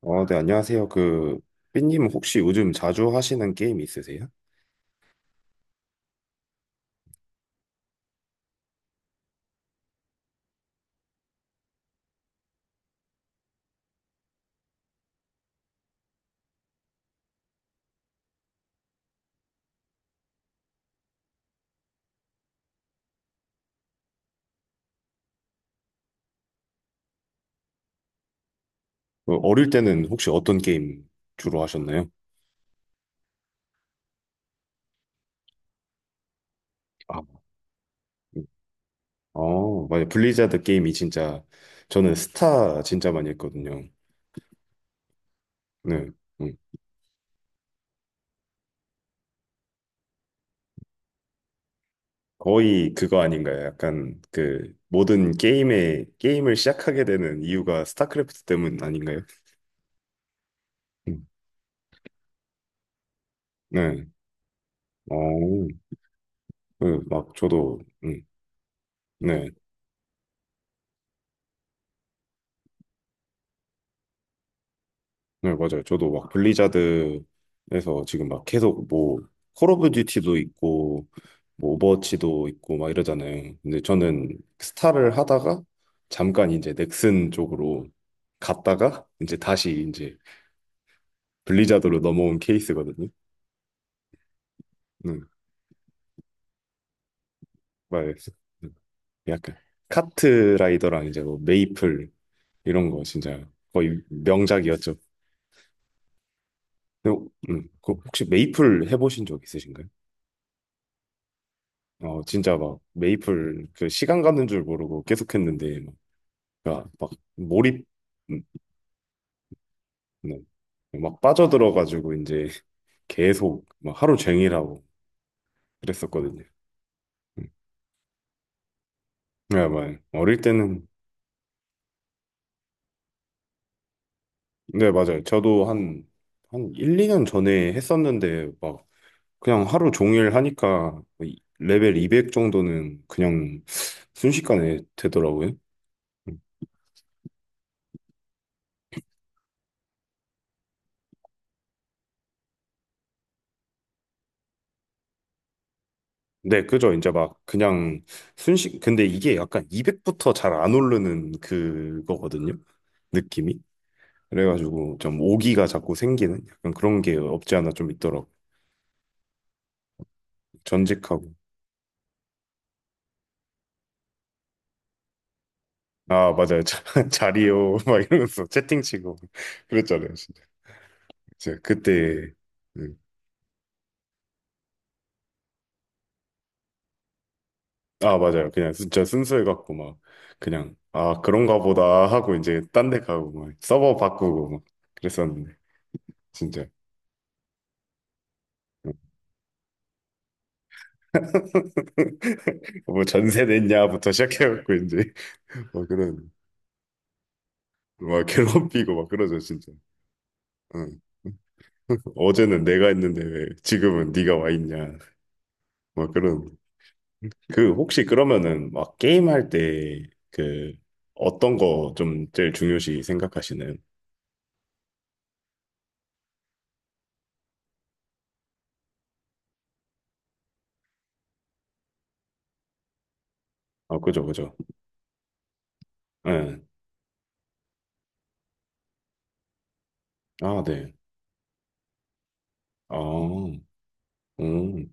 안녕하세요. 삐님 혹시 요즘 자주 하시는 게임 있으세요? 어릴 때는 혹시 어떤 게임 주로 하셨나요? 아, 맞아요. 저는 스타 진짜 많이 했거든요. 네. 음. 거의 그거 아닌가요? 약간 모든 게임을 시작하게 되는 이유가 스타크래프트 때문 아닌가요? 음. 네. 어, 네, 막 저도, 음, 네. 네, 맞아요. 저도 막 블리자드에서 지금 막 계속 콜 오브 듀티도 있고, 오버워치도 있고, 막 이러잖아요. 근데 저는 스타를 하다가 잠깐 이제 넥슨 쪽으로 갔다가 이제 다시 이제 블리자드로 넘어온 케이스거든요. 응 맞아요. 음, 약간 카트라이더랑 이제 뭐 메이플 이런 거 진짜 거의 명작이었죠. 근데, 그 혹시 메이플 해보신 적 있으신가요? 진짜 막 메이플 그 시간 가는 줄 모르고 계속 했는데 막, 그러니까 막 몰입 음, 네. 막 빠져들어가지고 이제 계속 막 하루 종일 하고 그랬었거든요. 음. 네, 맞아요. 어릴 때는 네, 맞아요. 저도 한 1, 2년 전에 했었는데 막 그냥 하루 종일 하니까 레벨 200 정도는 그냥 순식간에 되더라고요. 음. 네, 그죠. 이제 막 그냥 근데 이게 약간 200부터 잘 안 오르는 그거거든요. 느낌이. 그래가지고 좀 오기가 자꾸 생기는 약간 그런 게 없지 않아 좀 있더라고. 전직하고. 아, 맞아요. 자, 자리요. 막 이러면서 채팅치고. 그랬잖아요. 진짜. 진짜 그때. 음. 아, 맞아요. 그냥 진짜 순수해갖고 막 그냥 그런가 보다 하고 이제 딴데 가고 막 서버 바꾸고 막 그랬었는데. 진짜. 뭐 전세 냈냐부터 시작해갖고 이제 막 그런 막 괴롭히고 막 그러죠 진짜. 응. 어제는 내가 했는데 왜 지금은 네가 와 있냐 막 그런. 그 혹시 그러면은 막 게임할 때 그 어떤 거 좀 제일 중요시 생각하시는? 아 그죠 그죠. 네. 아 네. 아 음.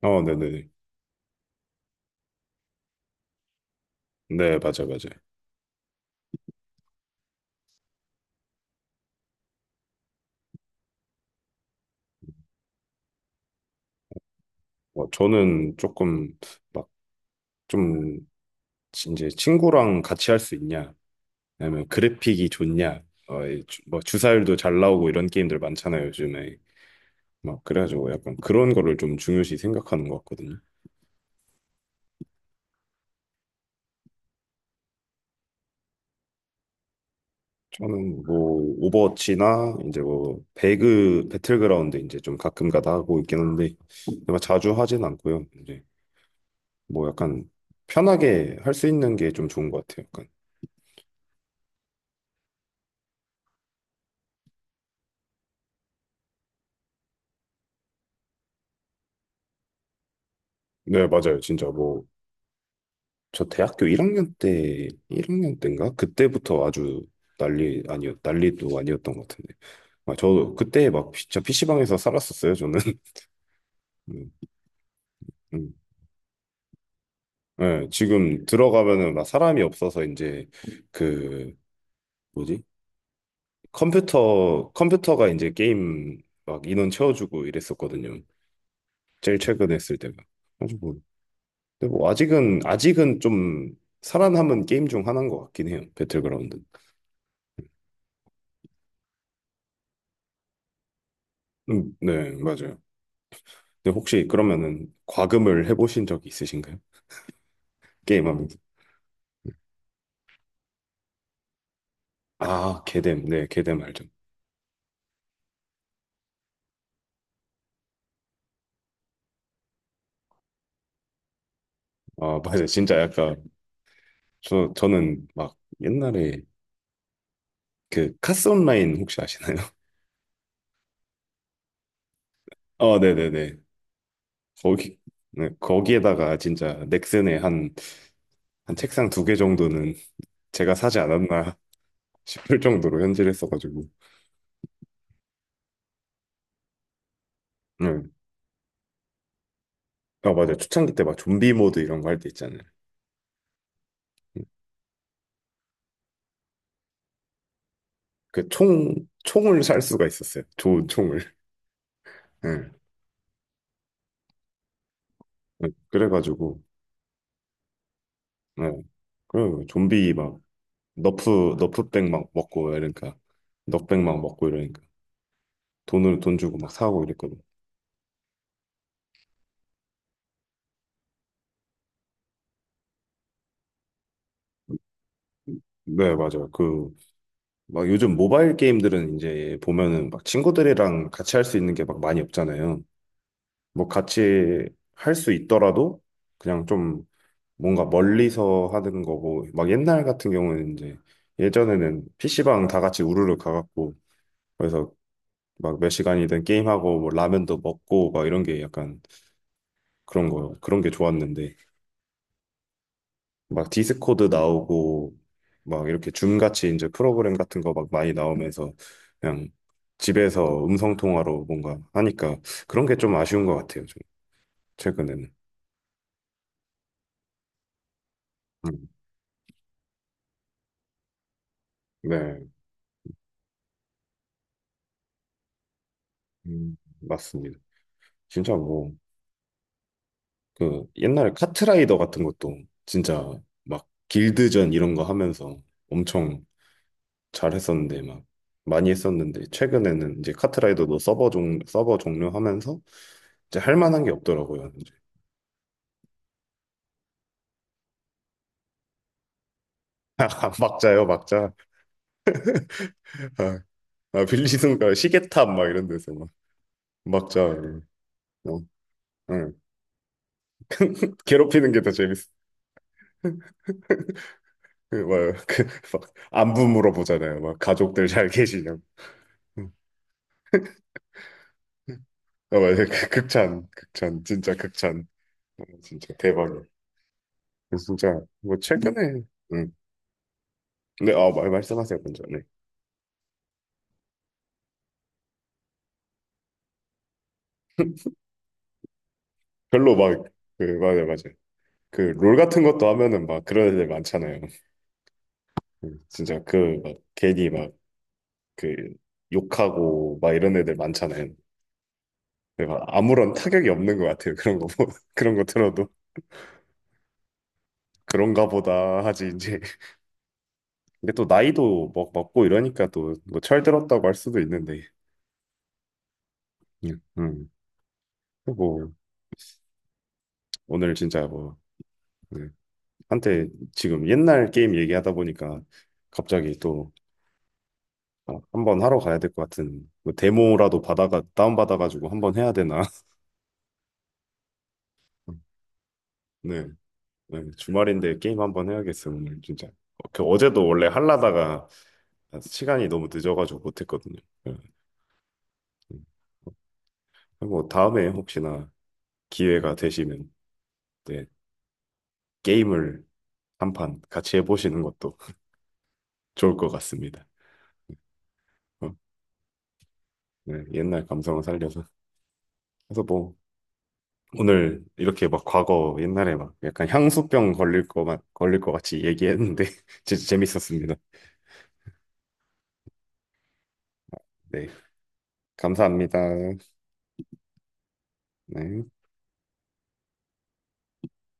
아 네네네. 네 맞아 맞아. 뭐 저는 조금 막 좀 이제 친구랑 같이 할 수 있냐 왜냐면 그래픽이 좋냐, 뭐 주사율도 잘 나오고 이런 게임들 많잖아요, 요즘에. 막 그래가지고 약간 그런 거를 좀 중요시 생각하는 것 같거든요. 저는 뭐 오버워치나 이제 뭐 배그 배틀그라운드 이제 좀 가끔가다 하고 있긴 한데 내가 자주 하진 않고요. 이제 뭐 약간 편하게 할 수 있는 게 좀 좋은 것 같아요. 약간 네 맞아요. 진짜 뭐 저 대학교 1학년 때인가 그때부터 아주 난리도 아니었던 것 같은데. 아, 저 그때 막 진짜 PC방에서 살았었어요, 저는. 음, 음. 예, 지금 들어가면은 막 사람이 없어서 이제 그 뭐지? 컴퓨터가 이제 게임 막 인원 채워주고 이랬었거든요. 제일 최근에 했을 때가. 아주 뭐. 근데 뭐 아직은 좀 살아남은 게임 중 하나인 것 같긴 해요. 배틀그라운드. 네, 맞아요. 근데 혹시 그러면은 과금을 해보신 적이 있으신가요? 게임하면서. 아, 개뎀. 네, 개뎀 알죠. 아, 맞아요. 진짜 약간 저는 막 옛날에 그 카스 온라인 혹시 아시나요? 네네네. 거기, 네, 거기에다가 진짜 넥슨에 한 책상 두 개 정도는 제가 사지 않았나 싶을 정도로 현질을 했어가지고. 네. 아, 맞아요. 초창기 때 막 좀비 모드 이런 거 할 때 있잖아요. 그 총, 총을 살 수가 있었어요. 좋은 총을. 네. 네, 그래가지고, 네. 그리고 좀비 막, 너프백 막 먹고 이러니까. 넉백 막 먹고 이러니까. 돈 주고 막 사고 이랬거든. 네, 맞아요. 막 요즘 모바일 게임들은 이제 보면은 막 친구들이랑 같이 할 수 있는 게 막 많이 없잖아요. 뭐 같이 할 수 있더라도 그냥 좀 뭔가 멀리서 하는 거고, 막 옛날 같은 경우는 이제 예전에는 PC방 다 같이 우르르 가갖고, 그래서 막 몇 시간이든 게임하고 뭐 라면도 먹고 막 이런 게 약간 그런 거, 그런 게 좋았는데 막 디스코드 나오고 막 이렇게 줌 같이 이제 프로그램 같은 거 막 많이 나오면서 그냥 집에서 음성 통화로 뭔가 하니까 그런 게 좀 아쉬운 것 같아요. 좀 최근에는. 음, 네, 맞습니다. 진짜 뭐 그 옛날에 카트라이더 같은 것도 진짜 막 길드전 이런 거 하면서 엄청 잘했었는데 막 많이 했었는데 최근에는 이제 카트라이더도 서버 종료하면서 이제 할 만한 게 없더라고요. 막자요, 막자. 아, 아, 빌리는 거 시계탑 막 이런 데서 막 막자. 이 어, 응. 괴롭히는 게 더 재밌어. 막그막 안부 물어보잖아요. 막 가족들 잘 계시냐고. 응. 아, 맞아요. 진짜 극찬. 어, 진짜 대박이 진짜 뭐 최근에, 응. 근데 아, 말 말씀하세요, 먼저. 네. 별로 막 맞아요, 맞아요. 그 롤 같은 것도 하면은 막 그런 애들 많잖아요. 응. 진짜 그 막 괜히 막 그 욕하고 막 이런 애들 많잖아요. 근데 막 아무런 타격이 없는 것 같아요. 그런 거 들어도 그런가 보다 하지 이제. 근데 또 나이도 막 먹고 이러니까 또 뭐 철들었다고 할 수도 있는데. 음. 음. 뭐 오늘 진짜 뭐 네. 한때 지금 옛날 게임 얘기하다 보니까 갑자기 또 한번 하러 가야 될 것 같은 뭐 데모라도 받아가 다운 받아가지고 한번 해야 되나. 네. 네, 주말인데 게임 한번 해야겠어, 오늘 진짜. 어제도 원래 하려다가 시간이 너무 늦어가지고 못했거든요. 네, 음. 뭐 다음에 혹시나 기회가 되시면 네, 게임을 한 판 같이 해보시는 것도 좋을 것 같습니다. 어, 네, 옛날 감성을 살려서. 그래서 뭐 오늘 이렇게 막 과거 옛날에 막 약간 향수병 걸릴 것 같- 걸릴 것 같이 얘기했는데 진짜 재밌었습니다. 네, 감사합니다. 네.